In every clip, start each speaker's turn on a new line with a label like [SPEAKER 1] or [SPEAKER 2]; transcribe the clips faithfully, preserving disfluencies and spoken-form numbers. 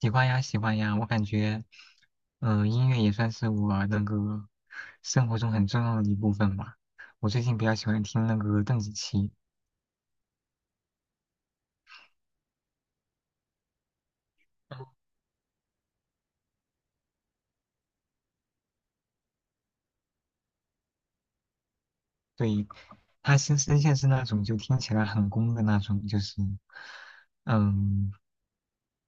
[SPEAKER 1] 喜欢呀，喜欢呀，我感觉，嗯、音乐也算是我那个生活中很重要的一部分吧。我最近比较喜欢听那个邓紫棋，对，她新声线是那种就听起来很攻的那种，就是，嗯，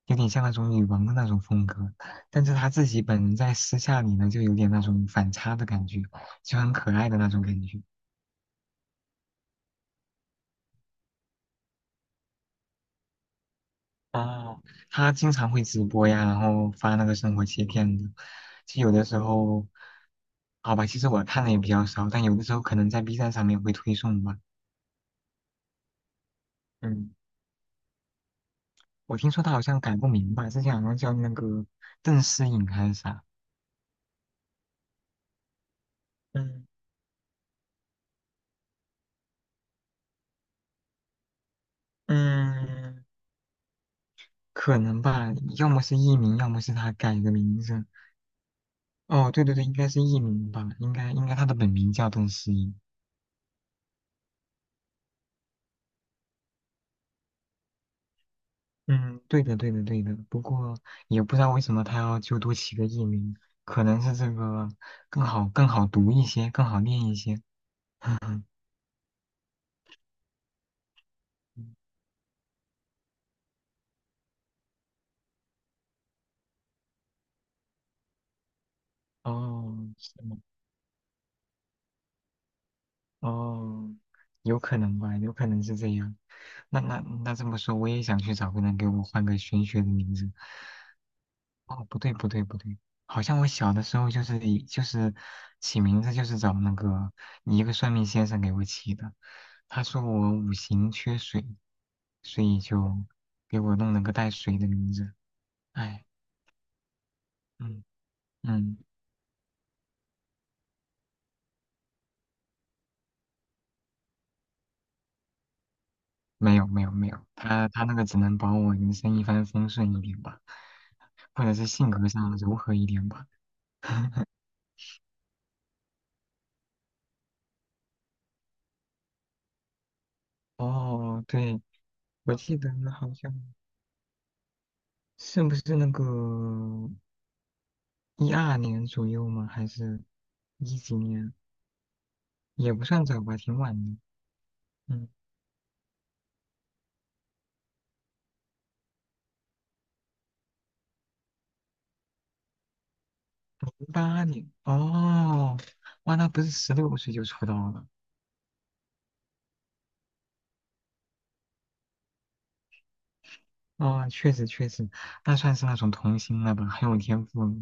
[SPEAKER 1] 有点像那种女王的那种风格。但是她自己本人在私下里呢，就有点那种反差的感觉，就很可爱的那种感觉。哦，他经常会直播呀，然后发那个生活切片的。其实有的时候，好吧，其实我看的也比较少，但有的时候可能在 B 站上面会推送吧。嗯，我听说他好像改过名吧，之前好像叫那个邓诗颖还是啥。嗯嗯，可能吧，要么是艺名，要么是他改的名字。哦，对对对，应该是艺名吧，应该应该他的本名叫邓诗颖。嗯，对的，对的，对的。不过也不知道为什么他要就多起个艺名，可能是这个更好、更好读一些，更好念一些。哦，是吗？哦，有可能吧，有可能是这样。那那那这么说，我也想去找个人给我换个玄学的名字。哦，不对不对不对，好像我小的时候就是以就是起名字就是找那个一个算命先生给我起的，他说我五行缺水，所以就给我弄了个带水的名字。哎，嗯嗯，没有没有没有，他他那个只能保我人生一帆风顺一点吧，或者是性格上柔和一点吧。哦，对，我记得好像是不是那个？一二年左右吗？还是一几年？也不算早吧，挺晚的。嗯，零八年。哦，哇，那不是十六岁就出道了？哦，确实确实，那算是那种童星了吧，很有天赋了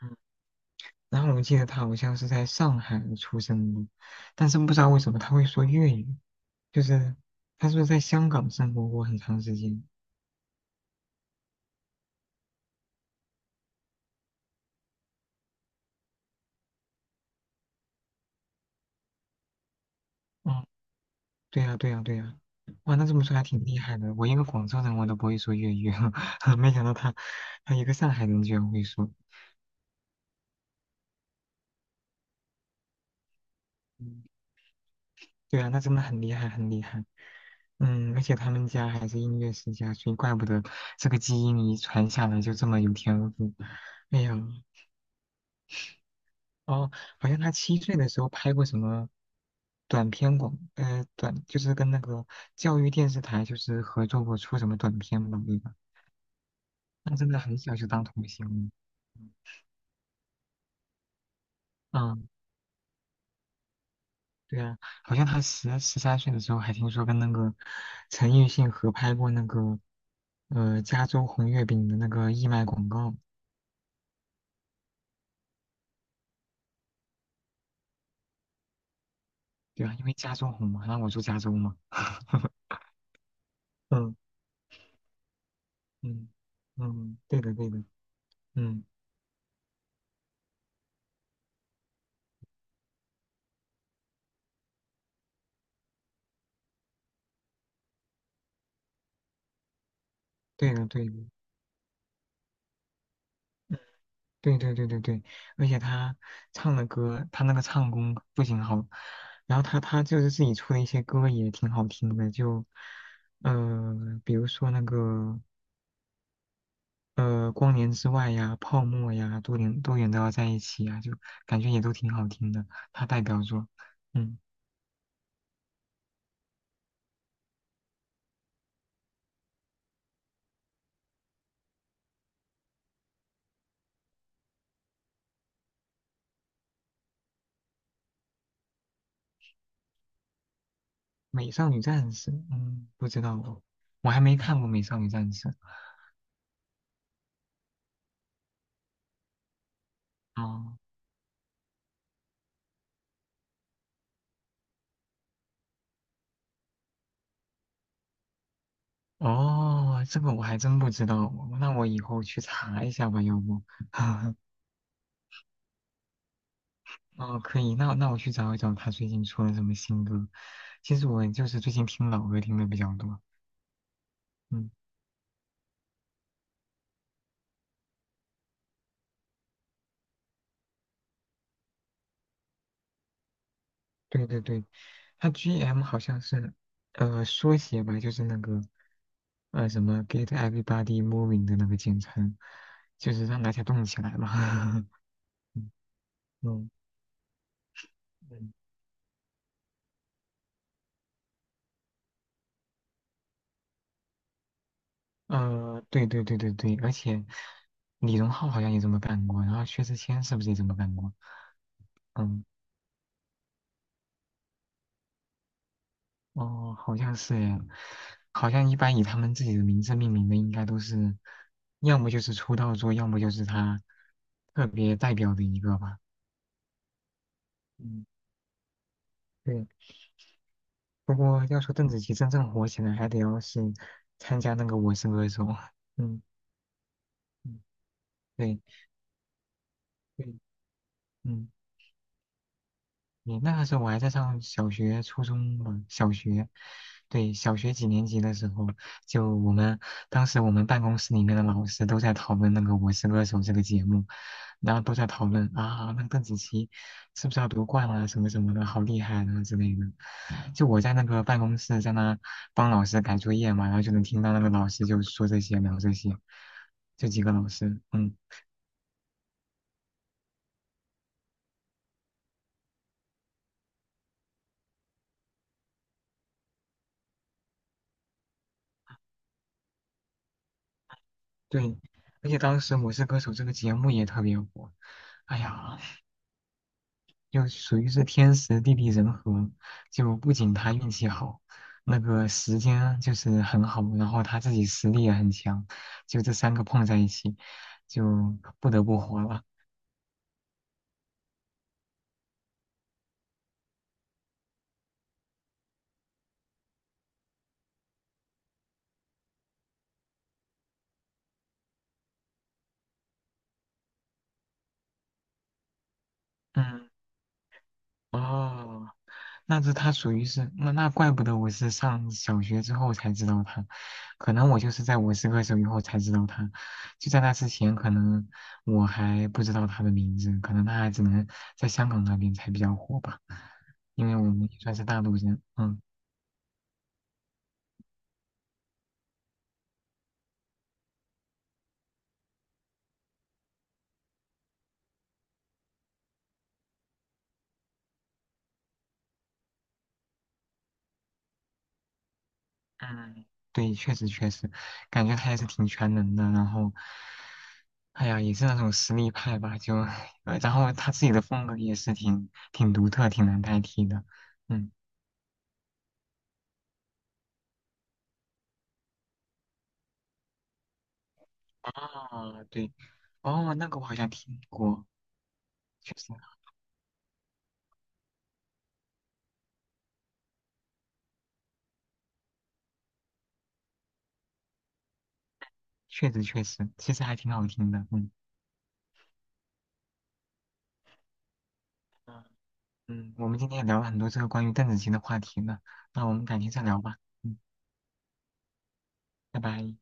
[SPEAKER 1] 嗯，然后我记得他好像是在上海出生的，但是不知道为什么他会说粤语，就是他是不是在香港生活过很长时间？哦。对呀，对呀，对呀，哇，那这么说还挺厉害的。我一个广州人，我都不会说粤语，没想到他，他一个上海人居然会说。嗯，对啊，那真的很厉害，很厉害。嗯，而且他们家还是音乐世家，所以怪不得这个基因遗传下来就这么有天赋。哎呀，哦，好像他七岁的时候拍过什么短片广，呃，短就是跟那个教育电视台就是合作过出什么短片吧，对吧？那真的很小就当童星了。嗯啊，对啊，好像他十十三岁的时候还听说跟那个陈奕迅合拍过那个呃加州红月饼的那个义卖广告，对啊，因为加州红嘛，然后我住加州嘛，嗯嗯嗯，对的对的，嗯，对的对的对对对对对，而且他唱的歌，他那个唱功不仅好，然后他他就是自己出的一些歌也挺好听的，就呃比如说那个。呃，光年之外呀、泡沫呀，多远多远都要在一起呀，就感觉也都挺好听的。他代表作，嗯，《美少女战士》，嗯，不知道哦，我还没看过《美少女战士》，哦哦，这个我还真不知道哦，那我以后去查一下吧，要不？哦，可以，那那我去找一找他最近出了什么新歌。其实我就是最近听老歌听的比较多，嗯，对对对，他 G M 好像是呃缩写吧，就是那个。呃什么 Get Everybody Moving 的那个简称，就是让大家动起来嘛。嗯嗯，嗯，呃，对对对对对，而且李荣浩好像也这么干过，然后薛之谦是不是也这么干过？嗯，哦，好像是呀，好像一般以他们自己的名字命名的应该都是，要么就是出道作，要么就是他特别代表的一个吧。嗯，对。不过要说邓紫棋真正火起来，还得要是参加那个《我是歌手》。嗯嗯，对对，嗯。你那个时候我还在上小学、初中吧，小学，对，小学几年级的时候，就我们当时我们办公室里面的老师都在讨论那个《我是歌手》这个节目，然后都在讨论啊，那个邓紫棋是不是要夺冠啊，什么什么的，好厉害啊之类的。就我在那个办公室在那帮老师改作业嘛，然后就能听到那个老师就说这些聊这些，就几个老师，嗯，对，而且当时《我是歌手》这个节目也特别火。哎呀，就属于是天时地利人和，就不仅他运气好，那个时间就是很好，然后他自己实力也很强，就这三个碰在一起，就不得不活了。嗯，哦，那是他属于是那那怪不得我是上小学之后才知道他，可能我就是在我是歌手以后才知道他，就在那之前可能我还不知道他的名字，可能他还只能在香港那边才比较火吧，因为我们也算是大陆人，嗯嗯，对，确实确实，感觉他也是挺全能的，然后，哎呀，也是那种实力派吧，就，然后他自己的风格也是挺挺独特、挺难代替的，嗯。啊，对，哦，那个我好像听过，确实，确实，确实，其实还挺好听的，嗯嗯，嗯，我们今天也聊了很多这个关于邓紫棋的话题呢，那我们改天再聊吧，嗯，拜拜。